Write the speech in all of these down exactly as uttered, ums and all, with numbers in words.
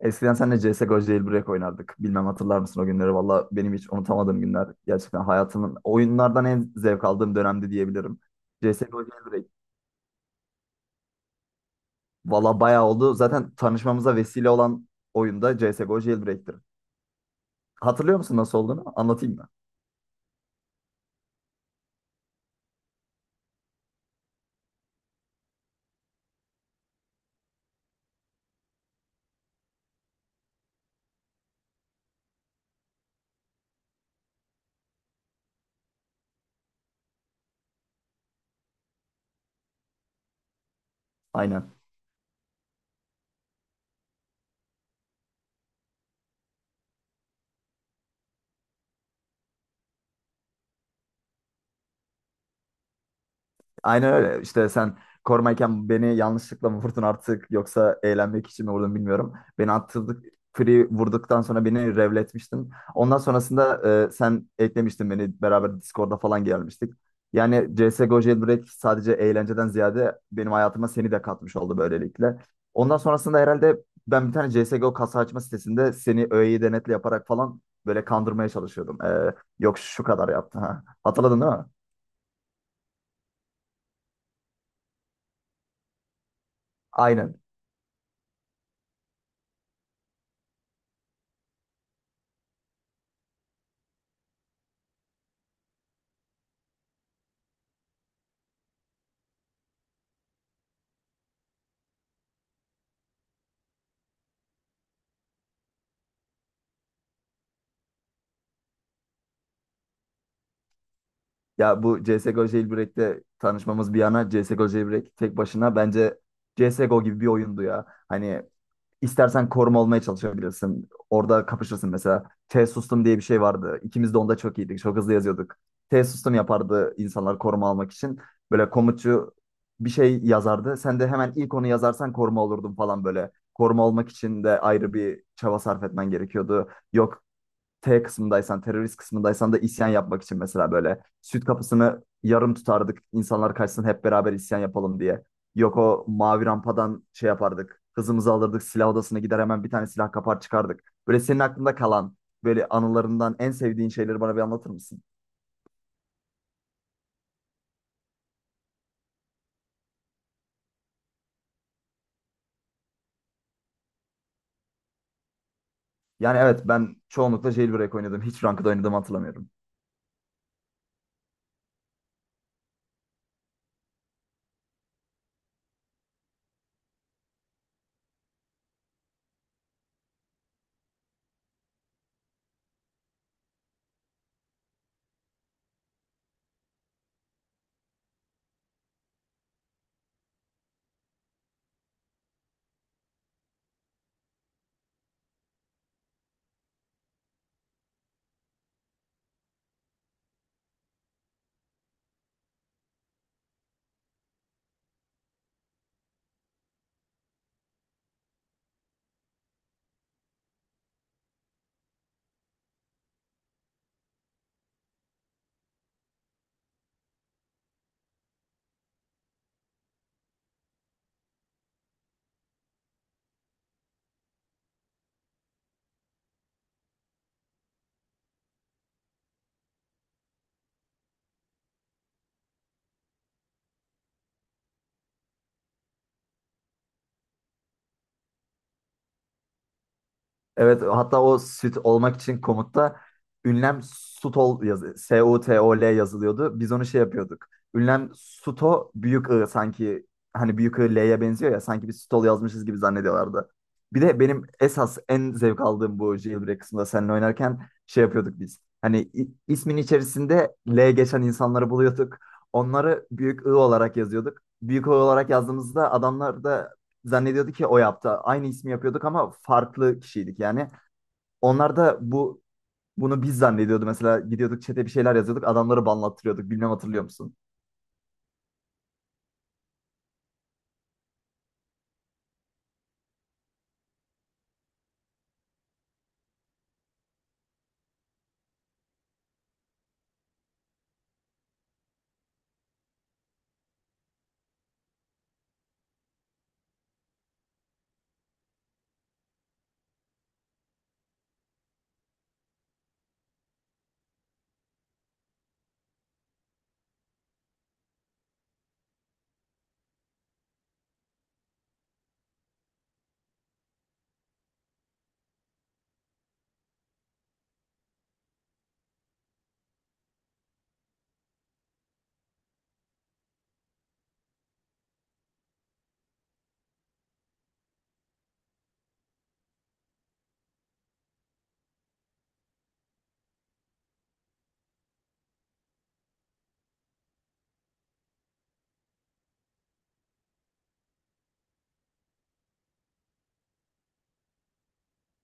Eskiden seninle C S G O Jailbreak oynardık. Bilmem hatırlar mısın o günleri? Valla benim hiç unutamadığım günler. Gerçekten hayatımın oyunlardan en zevk aldığım dönemdi diyebilirim. C S G O Jailbreak. Valla bayağı oldu. Zaten tanışmamıza vesile olan oyunda C S G O Jailbreak'tir. Hatırlıyor musun nasıl olduğunu? Anlatayım mı? Aynen. Aynen öyle. İşte sen korumayken beni yanlışlıkla mı vurdun artık yoksa eğlenmek için mi vurdun bilmiyorum. Beni attırdık, free vurduktan sonra beni revletmiştin. Ondan sonrasında e, sen eklemiştin beni beraber Discord'da falan gelmiştik. Yani C S G O Jailbreak sadece eğlenceden ziyade benim hayatıma seni de katmış oldu böylelikle. Ondan sonrasında herhalde ben bir tane C S G O kasa açma sitesinde seni öğeyi denetle yaparak falan böyle kandırmaya çalışıyordum. E, yok şu kadar yaptı. Ha. Hatırladın değil mi? Aynen. Ya bu C S G O Jailbreak'te tanışmamız bir yana C S G O Jailbreak tek başına bence C S G O gibi bir oyundu ya. Hani istersen koruma olmaya çalışabilirsin. Orada kapışırsın mesela. T sustum diye bir şey vardı. İkimiz de onda çok iyiydik. Çok hızlı yazıyorduk. T sustum yapardı insanlar koruma almak için. Böyle komutçu bir şey yazardı. Sen de hemen ilk onu yazarsan koruma olurdun falan böyle. Koruma olmak için de ayrı bir çaba sarf etmen gerekiyordu. Yok T kısmındaysan, terörist kısmındaysan da isyan yapmak için mesela böyle süt kapısını yarım tutardık. İnsanlar kaçsın hep beraber isyan yapalım diye. Yok o mavi rampadan şey yapardık. Hızımızı alırdık, silah odasına gider hemen bir tane silah kapar çıkardık. Böyle senin aklında kalan böyle anılarından en sevdiğin şeyleri bana bir anlatır mısın? Yani evet ben çoğunlukla jailbreak oynadım. Hiç ranked oynadığımı hatırlamıyorum. Evet, hatta o süt olmak için komutta ünlem sutol yazı S-U-T-O-L yazılıyordu. Biz onu şey yapıyorduk. Ünlem suto büyük I sanki hani büyük I L'ye benziyor ya sanki biz sutol yazmışız gibi zannediyorlardı. Bir de benim esas en zevk aldığım bu jailbreak kısmında seninle oynarken şey yapıyorduk biz. Hani i- ismin içerisinde L geçen insanları buluyorduk. Onları büyük I olarak yazıyorduk. Büyük I olarak yazdığımızda adamlar da zannediyordu ki o yaptı. Aynı ismi yapıyorduk ama farklı kişiydik yani. Onlar da bu bunu biz zannediyordu mesela gidiyorduk çete bir şeyler yazıyorduk adamları banlattırıyorduk bilmem hatırlıyor musun?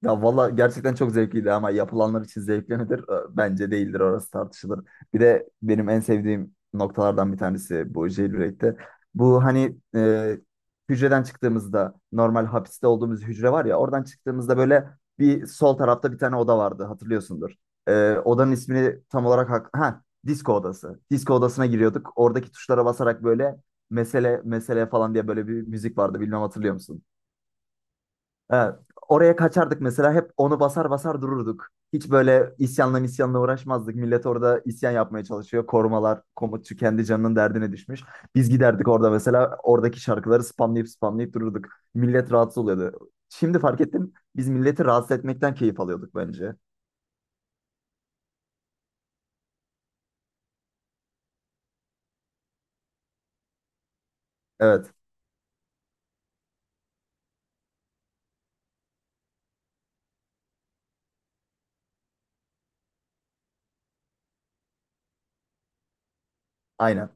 Ya valla gerçekten çok zevkliydi ama yapılanlar için zevkli midir? Ee, Bence değildir, orası tartışılır. Bir de benim en sevdiğim noktalardan bir tanesi bu jailbreak'te. Bu hani e, hücreden çıktığımızda normal hapiste olduğumuz hücre var ya oradan çıktığımızda böyle bir sol tarafta bir tane oda vardı hatırlıyorsundur. Ee, odanın ismini tam olarak hak ha disco odası. Disco odasına giriyorduk. Oradaki tuşlara basarak böyle mesele mesele falan diye böyle bir müzik vardı. Bilmem hatırlıyor musun? Ee, Oraya kaçardık mesela hep onu basar basar dururduk. Hiç böyle isyanla isyanla uğraşmazdık. Millet orada isyan yapmaya çalışıyor. Korumalar, komutçu kendi canının derdine düşmüş. Biz giderdik orada mesela oradaki şarkıları spamlayıp spamlayıp dururduk. Millet rahatsız oluyordu. Şimdi fark ettim biz milleti rahatsız etmekten keyif alıyorduk bence. Evet, aynen.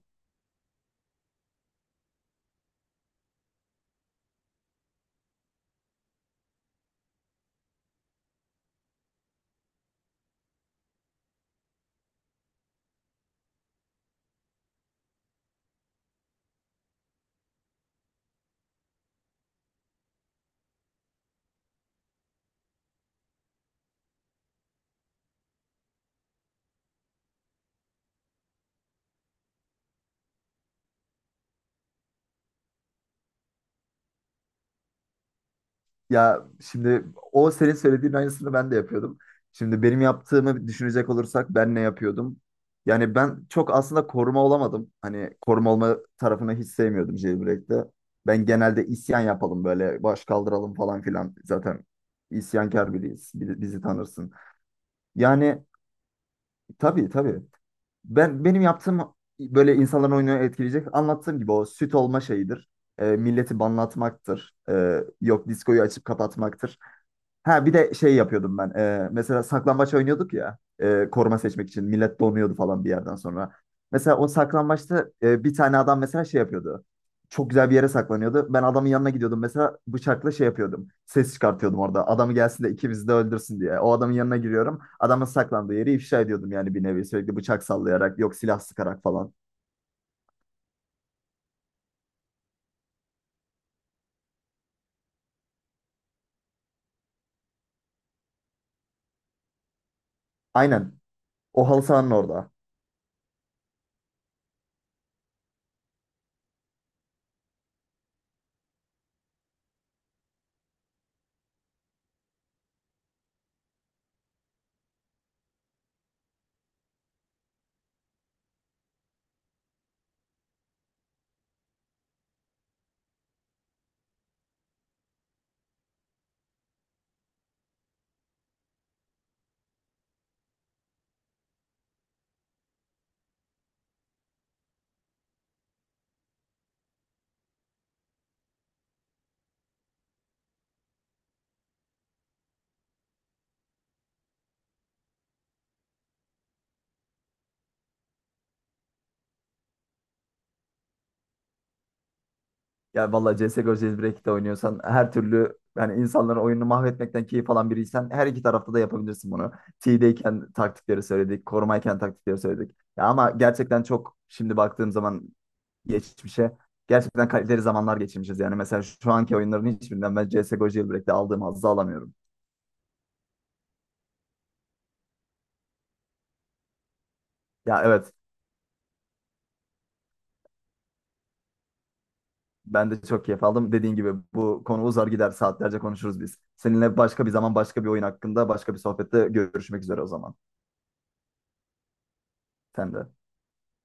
Ya şimdi o senin söylediğin aynısını ben de yapıyordum. Şimdi benim yaptığımı düşünecek olursak ben ne yapıyordum? Yani ben çok aslında koruma olamadım. Hani koruma olma tarafını hiç sevmiyordum Jailbreak'te. Ben genelde isyan yapalım böyle baş kaldıralım falan filan. Zaten isyankar biriyiz. Bizi, bizi tanırsın. Yani tabii, tabii. Ben benim yaptığım böyle insanların oyununu etkileyecek anlattığım gibi o süt olma şeyidir. E, milleti banlatmaktır. E, yok, diskoyu açıp kapatmaktır. Ha bir de şey yapıyordum ben. Ee, mesela saklambaç oynuyorduk ya. E, koruma seçmek için. Millet donuyordu falan bir yerden sonra. Mesela o saklambaçta e, bir tane adam mesela şey yapıyordu. Çok güzel bir yere saklanıyordu. Ben adamın yanına gidiyordum. Mesela bıçakla şey yapıyordum. Ses çıkartıyordum orada. Adamı gelsin de ikimizi de öldürsün diye. O adamın yanına giriyorum. Adamın saklandığı yeri ifşa ediyordum yani bir nevi. Sürekli bıçak sallayarak yok silah sıkarak falan. Aynen. O halı sahanın orada. Ya vallahi C S G O Jailbreak'te oynuyorsan her türlü yani insanların oyununu mahvetmekten keyif alan biriysen her iki tarafta da yapabilirsin bunu. T'deyken taktikleri söyledik, korumayken taktikleri söyledik. Ya ama gerçekten çok şimdi baktığım zaman geçmişe gerçekten kaliteli zamanlar geçirmişiz. Yani mesela şu anki oyunların hiçbirinden ben C S G O Jailbreak'te aldığım hazzı alamıyorum. Ya evet, ben de çok keyif aldım. Dediğin gibi bu konu uzar gider, saatlerce konuşuruz biz. Seninle başka bir zaman başka bir oyun hakkında başka bir sohbette görüşmek üzere o zaman. Sen de.